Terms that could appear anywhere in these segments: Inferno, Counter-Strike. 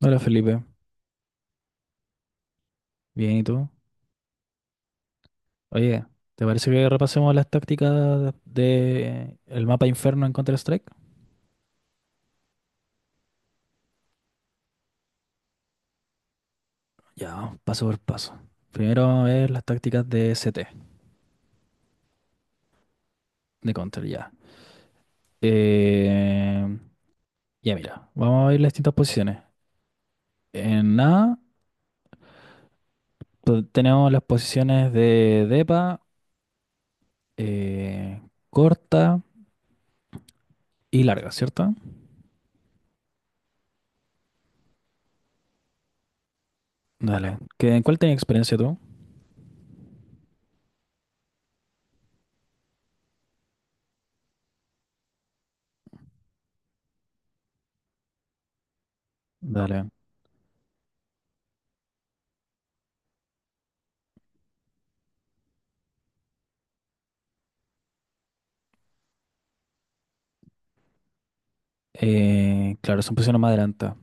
Hola Felipe, bien y tú. Oye, ¿te parece que repasemos las tácticas de el mapa Inferno en Counter-Strike? Ya, paso por paso. Primero vamos a ver las tácticas de CT, de Counter, ya. Eh, ya mira, vamos a ver las distintas posiciones. En A pues, tenemos las posiciones de depa, eh, corta y larga, ¿cierto? Dale. ¿Qué, en cuál tenías experiencia tú? Dale. Claro, son posiciones más adelantadas.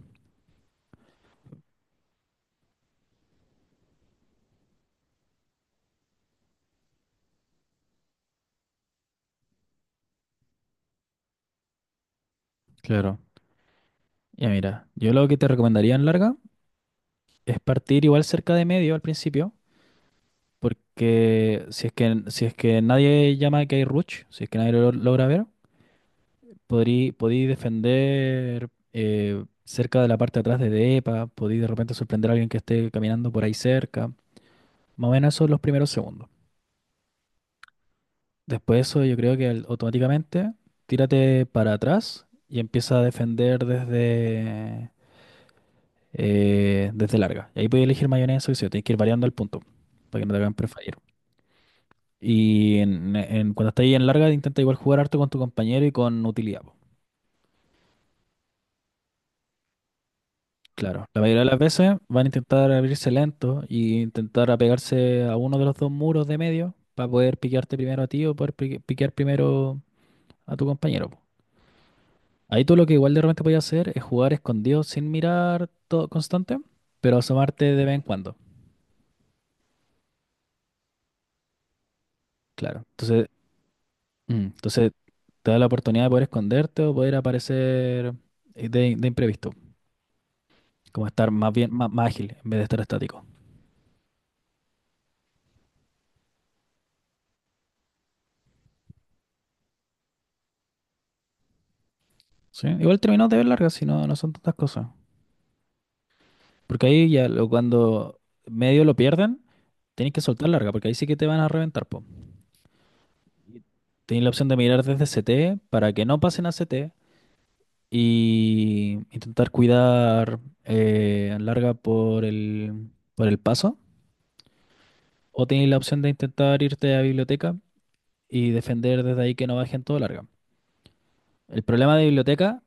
Claro. Ya mira, yo lo que te recomendaría en larga es partir igual cerca de medio al principio, porque si es que nadie llama que hay rush, si es que nadie lo logra ver, podí defender cerca de la parte de atrás de DEPA, podí de repente sorprender a alguien que esté caminando por ahí cerca. Más o menos esos son los primeros segundos. Después de eso yo creo que automáticamente tírate para atrás y empieza a defender desde larga. Y ahí puedes elegir mayonesa y queso, tienes que ir variando al punto para que no te hagan preferir. Y cuando estás ahí en larga, intenta igual jugar harto con tu compañero y con utilidad. Po. Claro, la mayoría de las veces van a intentar abrirse lento y intentar apegarse a uno de los dos muros de medio para poder piquearte primero a ti o poder piquear primero a tu compañero. Po. Ahí tú lo que igual de repente podías hacer es jugar escondido sin mirar todo constante, pero asomarte de vez en cuando. Claro. Entonces te da la oportunidad de poder esconderte o poder aparecer de imprevisto, como estar más bien, más ágil en vez de estar estático. ¿Sí? Igual terminó de ver largas, si no, no son tantas cosas. Porque ahí ya cuando medio lo pierden, tenés que soltar larga, porque ahí sí que te van a reventar, po. Tenés la opción de mirar desde CT para que no pasen a CT y intentar cuidar larga por el paso. O tenéis la opción de intentar irte a biblioteca y defender desde ahí que no bajen todo larga. El problema de biblioteca,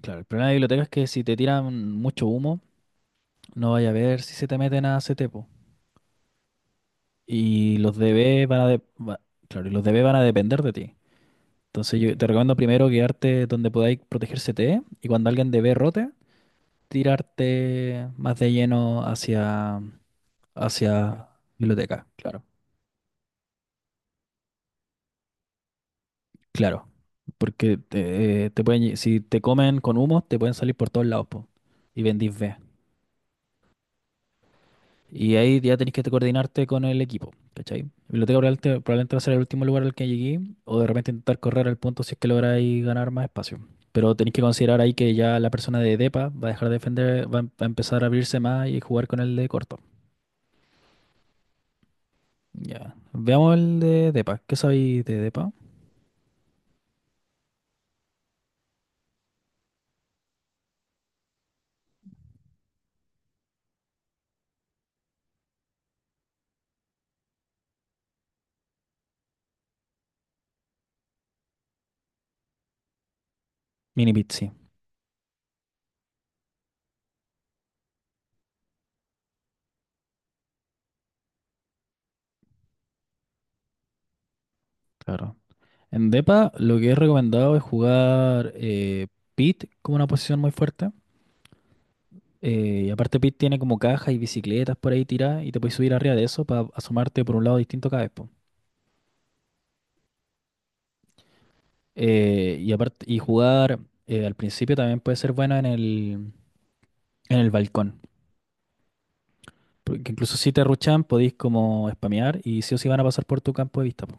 claro, el problema de biblioteca es que si te tiran mucho humo, no vaya a ver si se te meten a ese tepo. Y los DB van a de- va- claro, y los DB van a depender de ti. Entonces yo te recomiendo primero quedarte donde podáis proteger CTE y cuando alguien DB rote, tirarte más de lleno hacia biblioteca, claro. Claro. Porque te pueden, si te comen con humo, te pueden salir por todos lados, po, y vendís B. Y ahí ya tenés que te coordinarte con el equipo, ¿cachai? Biblioteca probablemente va a ser el último lugar al que llegué, o de repente intentar correr al punto si es que lográis ganar más espacio. Pero tenéis que considerar ahí que ya la persona de DEPA va a dejar de defender, va a empezar a abrirse más y jugar con el de corto. Ya. Veamos el de DEPA. ¿Qué sabéis de DEPA? Mini pit, sí, claro. En DEPA lo que he recomendado es jugar pit como una posición muy fuerte. Y aparte Pit tiene como cajas y bicicletas por ahí tiradas y te puedes subir arriba de eso para asomarte por un lado distinto cada vez, po. Y aparte, y jugar al principio también puede ser bueno en el balcón. Porque incluso si te ruchan podéis como spamear y sí o sí van a pasar por tu campo de vista, po.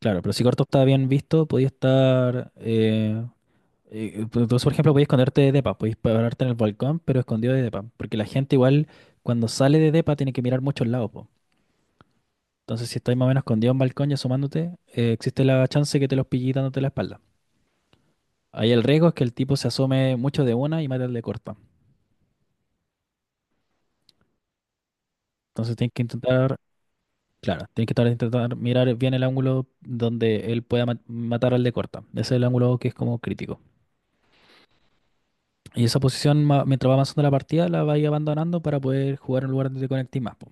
Claro, pero si Corto está bien visto, podías estar pues, entonces, por ejemplo, podías esconderte de depa, podías pararte en el balcón, pero escondido de depa. Porque la gente igual cuando sale de depa tiene que mirar muchos lados, po. Entonces, si estás más o menos escondido en un balcón y asomándote, existe la chance que te los pille dándote la espalda. Ahí el riesgo es que el tipo se asome mucho de una y mate al de corta. Entonces tienes que intentar, claro, tienes que intentar mirar bien el ángulo donde él pueda matar al de corta. Ese es el ángulo que es como crítico. Y esa posición, mientras va avanzando la partida, la vais abandonando para poder jugar en un lugar donde te conectes más. Po.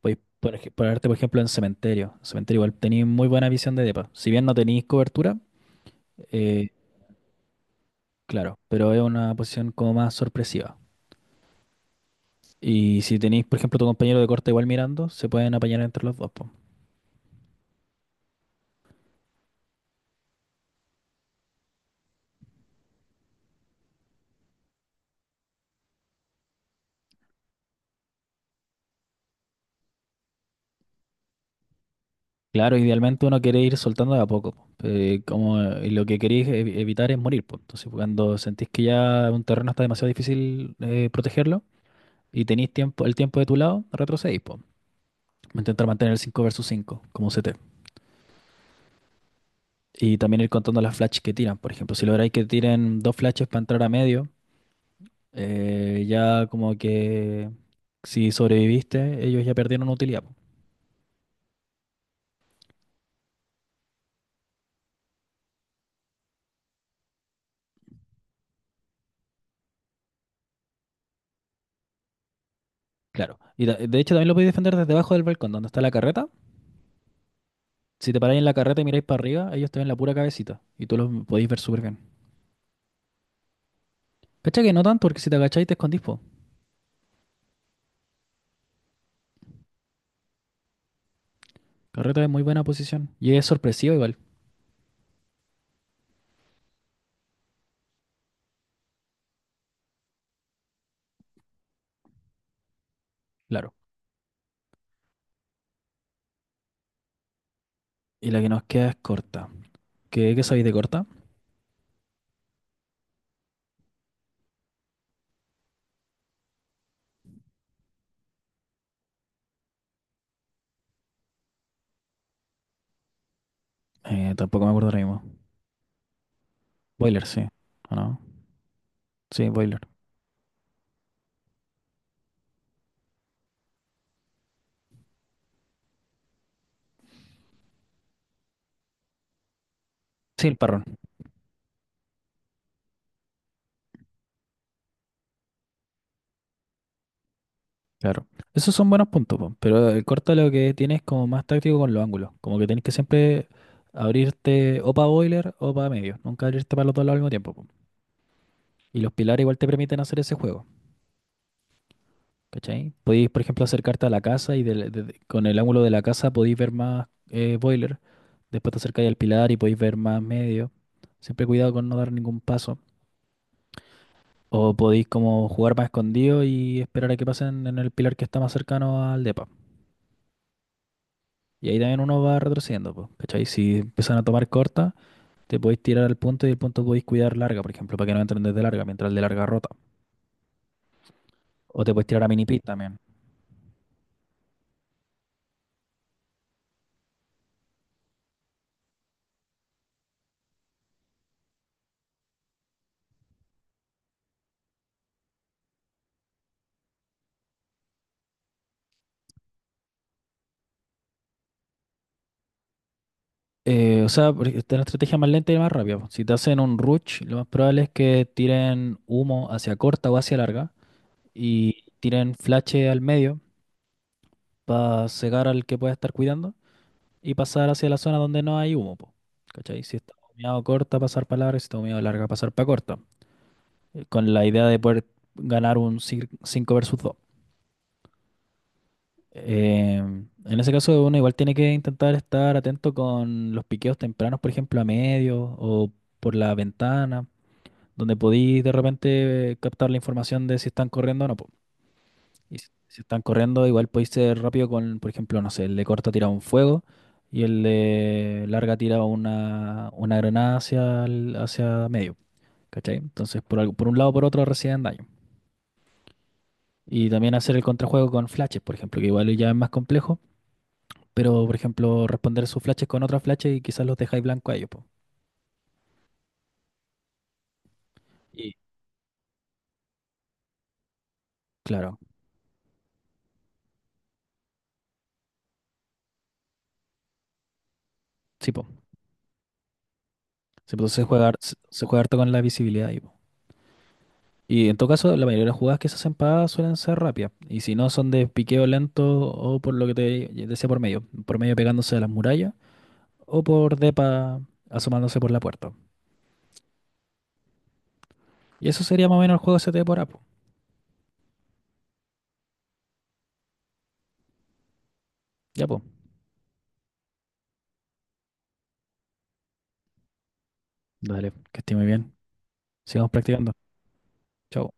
Podéis por ponerte, por ejemplo, en cementerio. En cementerio igual tenéis muy buena visión de depa. Si bien no tenéis cobertura, eh, Claro, pero es una posición como más sorpresiva. Y si tenéis, por ejemplo, tu compañero de corte igual mirando, se pueden apañar entre los dos, po. Claro, idealmente uno quiere ir soltando de a poco, po. Como lo que queréis evitar es morir, po. Entonces, cuando sentís que ya un terreno está demasiado difícil protegerlo y tenéis tiempo, el tiempo de tu lado, retrocedís, po. Intentar mantener el cinco versus 5 como CT. Y también ir contando las flashes que tiran. Por ejemplo, si lográis que tiren dos flashes para entrar a medio, ya como que si sobreviviste, ellos ya perdieron utilidad. Po. Claro. Y de hecho también lo podéis defender desde abajo del balcón, donde está la carreta. Si te paráis en la carreta y miráis para arriba, ellos te ven la pura cabecita. Y tú los podéis ver súper bien. Cacha que no tanto, porque si te agacháis te escondís, po. Carreta es muy buena posición. Y es sorpresiva igual, claro. Y la que nos queda es corta. ¿Qué sabéis de corta? Tampoco me acuerdo ahora mismo. Boiler, sí. ¿O no? Sí, boiler. Sí, el parrón. Claro. Esos son buenos puntos, po, pero el corto lo que tienes como más táctico con los ángulos. Como que tenés que siempre abrirte o para boiler o para medio. Nunca abrirte para los dos lados al mismo tiempo. Po. Y los pilares igual te permiten hacer ese juego. ¿Cachai? Podéis, por ejemplo, acercarte a la casa y con el ángulo de la casa podéis ver más boiler. Después te acercáis al pilar y podéis ver más medio. Siempre cuidado con no dar ningún paso. O podéis como jugar más escondido y esperar a que pasen en el pilar que está más cercano al depa. Y ahí también uno va retrocediendo, pues, ¿cachai? Si empiezan a tomar corta, te podéis tirar al punto y el punto podéis cuidar larga, por ejemplo, para que no entren desde larga, mientras el de larga rota. O te podéis tirar a mini pit también. O sea, esta es la estrategia más lenta y más rápida. Po. Si te hacen un rush, lo más probable es que tiren humo hacia corta o hacia larga y tiren flash al medio para cegar al que pueda estar cuidando y pasar hacia la zona donde no hay humo, po, ¿cachai? Si está humeado corta, pasar para larga, si está humeado larga, pasar para corta. Con la idea de poder ganar un 5 versus 2. En ese caso, uno igual tiene que intentar estar atento con los piqueos tempranos, por ejemplo, a medio o por la ventana, donde podéis de repente captar la información de si están corriendo o no. po. Y si están corriendo, igual podéis ser rápido con, por ejemplo, no sé, el de corta tira un fuego y el de larga tira una granada hacia medio. ¿Cachai? Entonces, por un lado o por otro reciben daño. Y también hacer el contrajuego con flashes, por ejemplo, que igual ya es más complejo, pero por ejemplo, responder sus flashes con otras flashes y quizás los dejáis blanco a ellos, po. Y claro, sí, po. Sí, pues, se juega harto con la visibilidad ahí, po. Y en todo caso, la mayoría de las jugadas que se hacen pagadas suelen ser rápidas. Y si no, son de piqueo lento o por lo que te decía por medio. Por medio pegándose a las murallas o por depa asomándose por la puerta. Y eso sería más o menos el juego ST por Apo. Ya, po. Dale, que esté muy bien. Sigamos practicando. Chao.